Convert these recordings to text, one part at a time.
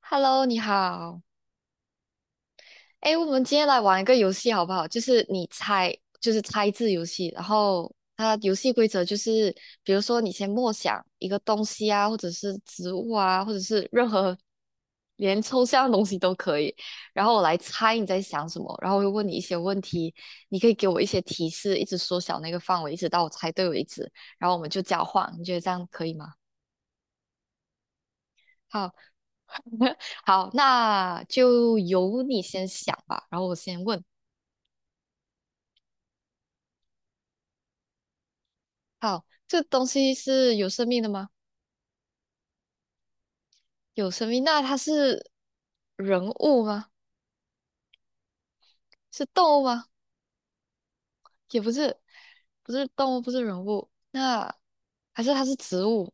Hello，你好。哎，我们今天来玩一个游戏好不好？就是你猜，就是猜字游戏。然后它游戏规则就是，比如说你先默想一个东西啊，或者是植物啊，或者是任何连抽象的东西都可以。然后我来猜你在想什么，然后我会问你一些问题，你可以给我一些提示，一直缩小那个范围，一直到我猜对为止。然后我们就交换，你觉得这样可以吗？好，好，那就由你先想吧，然后我先问。好，这东西是有生命的吗？有生命，那它是人物吗？是动物吗？也不是，不是动物，不是人物，那还是它是植物？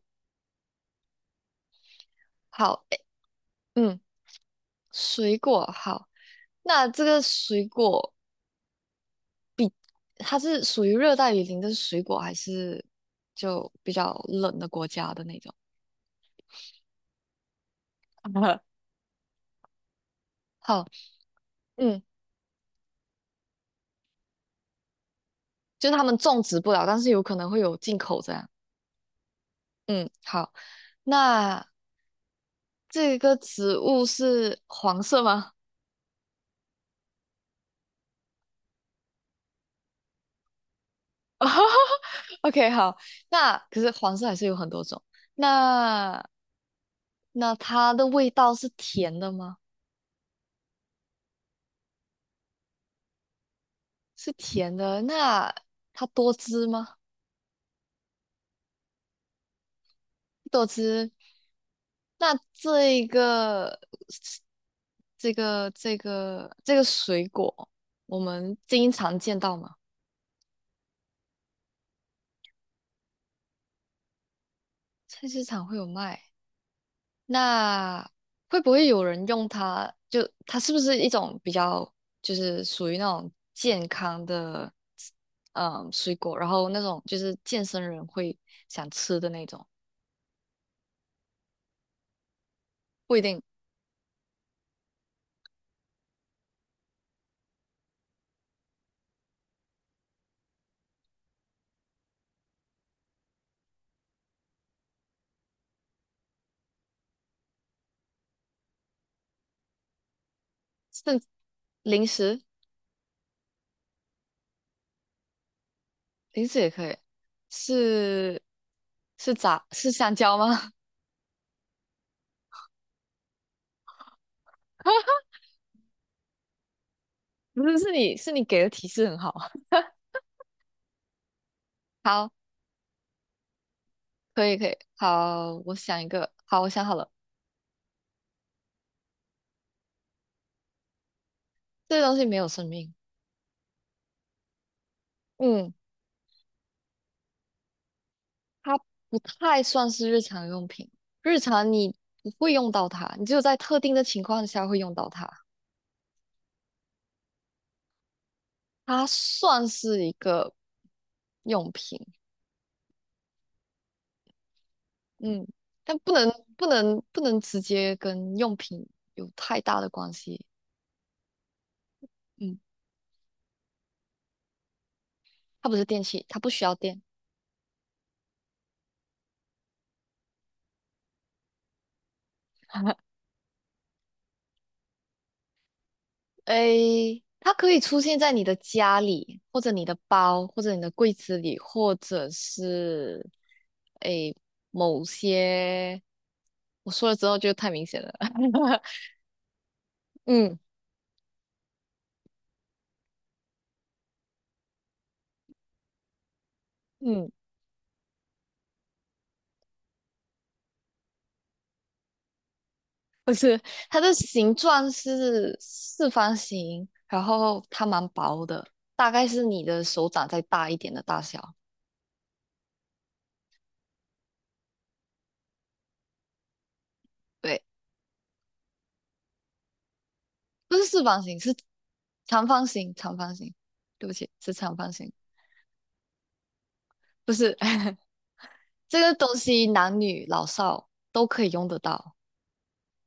好，诶，嗯，水果，好，那这个水果它是属于热带雨林的水果，还是就比较冷的国家的那种？好，嗯，就是他们种植不了，但是有可能会有进口这样。嗯，好，那。这个植物是黄色吗 ？OK，好，那可是黄色还是有很多种。那那它的味道是甜的吗？是甜的。那它多汁吗？多汁。那这个水果，我们经常见到吗？菜市场会有卖。那会不会有人用它？就它是不是一种比较，就是属于那种健康的，水果，然后那种就是健身人会想吃的那种，不一定，是零食，零食也可以，是是咋是香蕉吗？不是，是你给的提示很好，好，可以可以，好，我想一个，好，我想好了，这个东西没有生命，嗯，它不太算是日常用品，日常你不会用到它，你只有在特定的情况下会用到它。它算是一个用品，嗯，但不能直接跟用品有太大的关系，嗯，它不是电器，它不需要电。诶，它可以出现在你的家里，或者你的包，或者你的柜子里，或者是诶某些，我说了之后就太明显了。嗯嗯，不是，它的形状是四方形，然后它蛮薄的，大概是你的手掌再大一点的大小。对，不是四方形，是长方形，长方形。对不起，是长方形，不是。这个东西男女老少都可以用得到，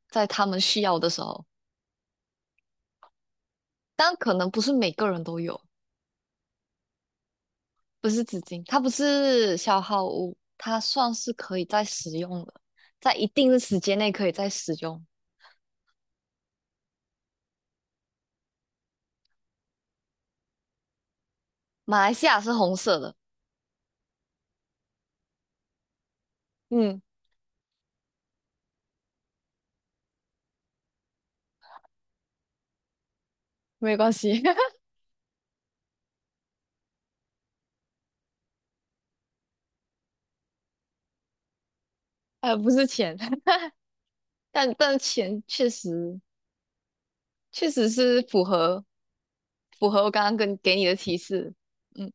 在他们需要的时候，但可能不是每个人都有，不是纸巾，它不是消耗物，它算是可以再使用的，在一定的时间内可以再使用。马来西亚是红色的，嗯，没关系，不是钱，但钱确实确实是符合我刚刚跟给你的提示，嗯。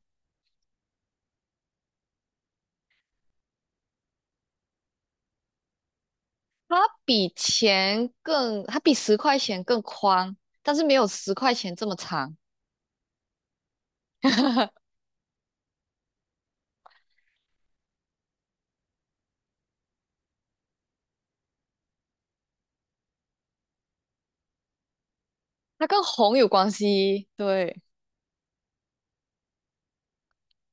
它比钱更，它比十块钱更宽，但是没有十块钱这么长。它跟红有关系，对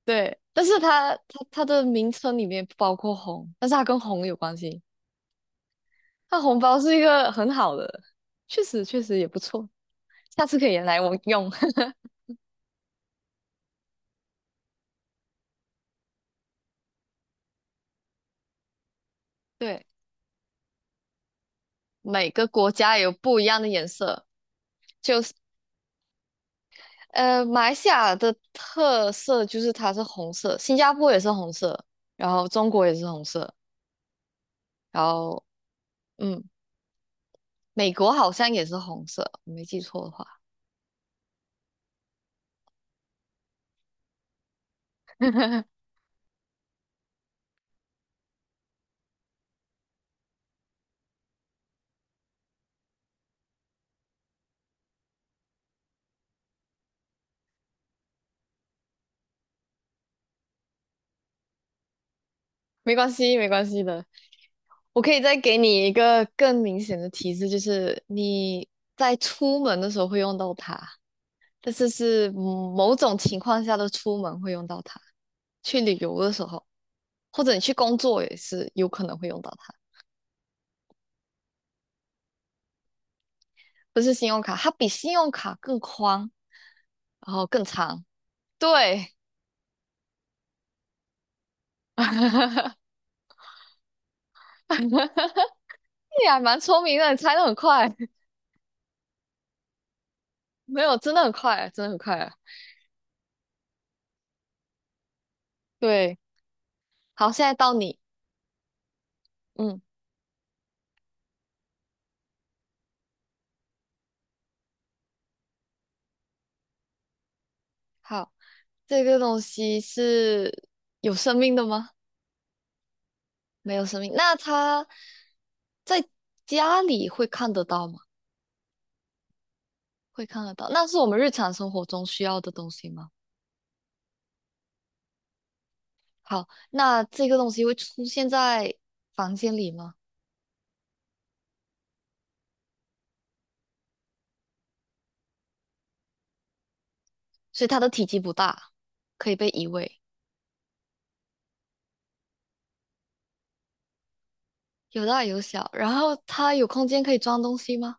对，但是它的名称里面不包括红，但是它跟红有关系。它红包是一个很好的，确实确实也不错，下次可以来我用。对，每个国家有不一样的颜色。呃，马来西亚的特色就是它是红色，新加坡也是红色，然后中国也是红色，然后嗯，美国好像也是红色，我没记错的话。没关系，没关系的。我可以再给你一个更明显的提示，就是你在出门的时候会用到它，但是是某种情况下的出门会用到它，去旅游的时候，或者你去工作也是有可能会用到它。不是信用卡，它比信用卡更宽，然后更长。对，你还蛮聪明的，你猜的很快。没有，真的很快，真的很快。对，好，现在到你。嗯，好，这个东西是有生命的吗？没有生命。那它在家里会看得到吗？会看得到。那是我们日常生活中需要的东西吗？好，那这个东西会出现在房间里吗？所以它的体积不大，可以被移位，有大有小。然后它有空间可以装东西吗？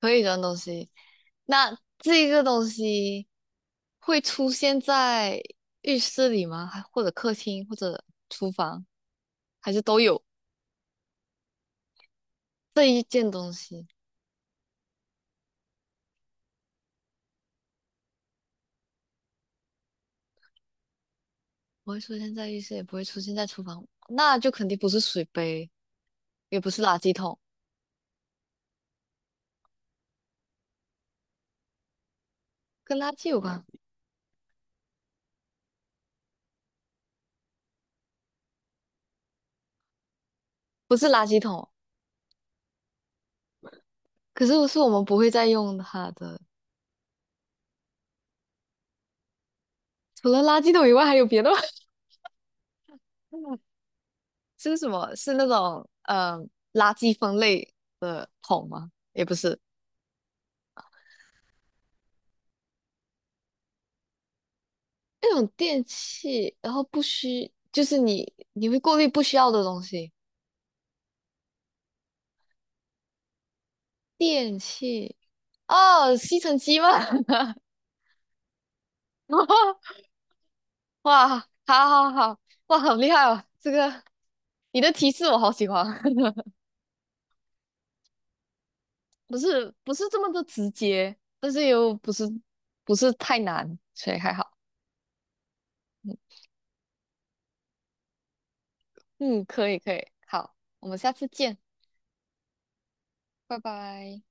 可以装东西。那这个东西会出现在浴室里吗？还或者客厅，或者厨房，还是都有这一件东西？不会出现在浴室，也不会出现在厨房，那就肯定不是水杯，也不是垃圾桶，跟垃圾有关，不是垃圾桶。可是是我们不会再用它的，除了垃圾桶以外，还有别的吗？是什么？是那种垃圾分类的桶吗？也不是。那种电器，然后不需，就是你会过滤不需要的东西。电器，哦，吸尘机吗？哇，好好好，哇，好厉害哦！这个你的提示我好喜欢，不是这么的直接，但是又不是太难，所以还好。嗯，嗯可以可以，好，我们下次见，拜拜。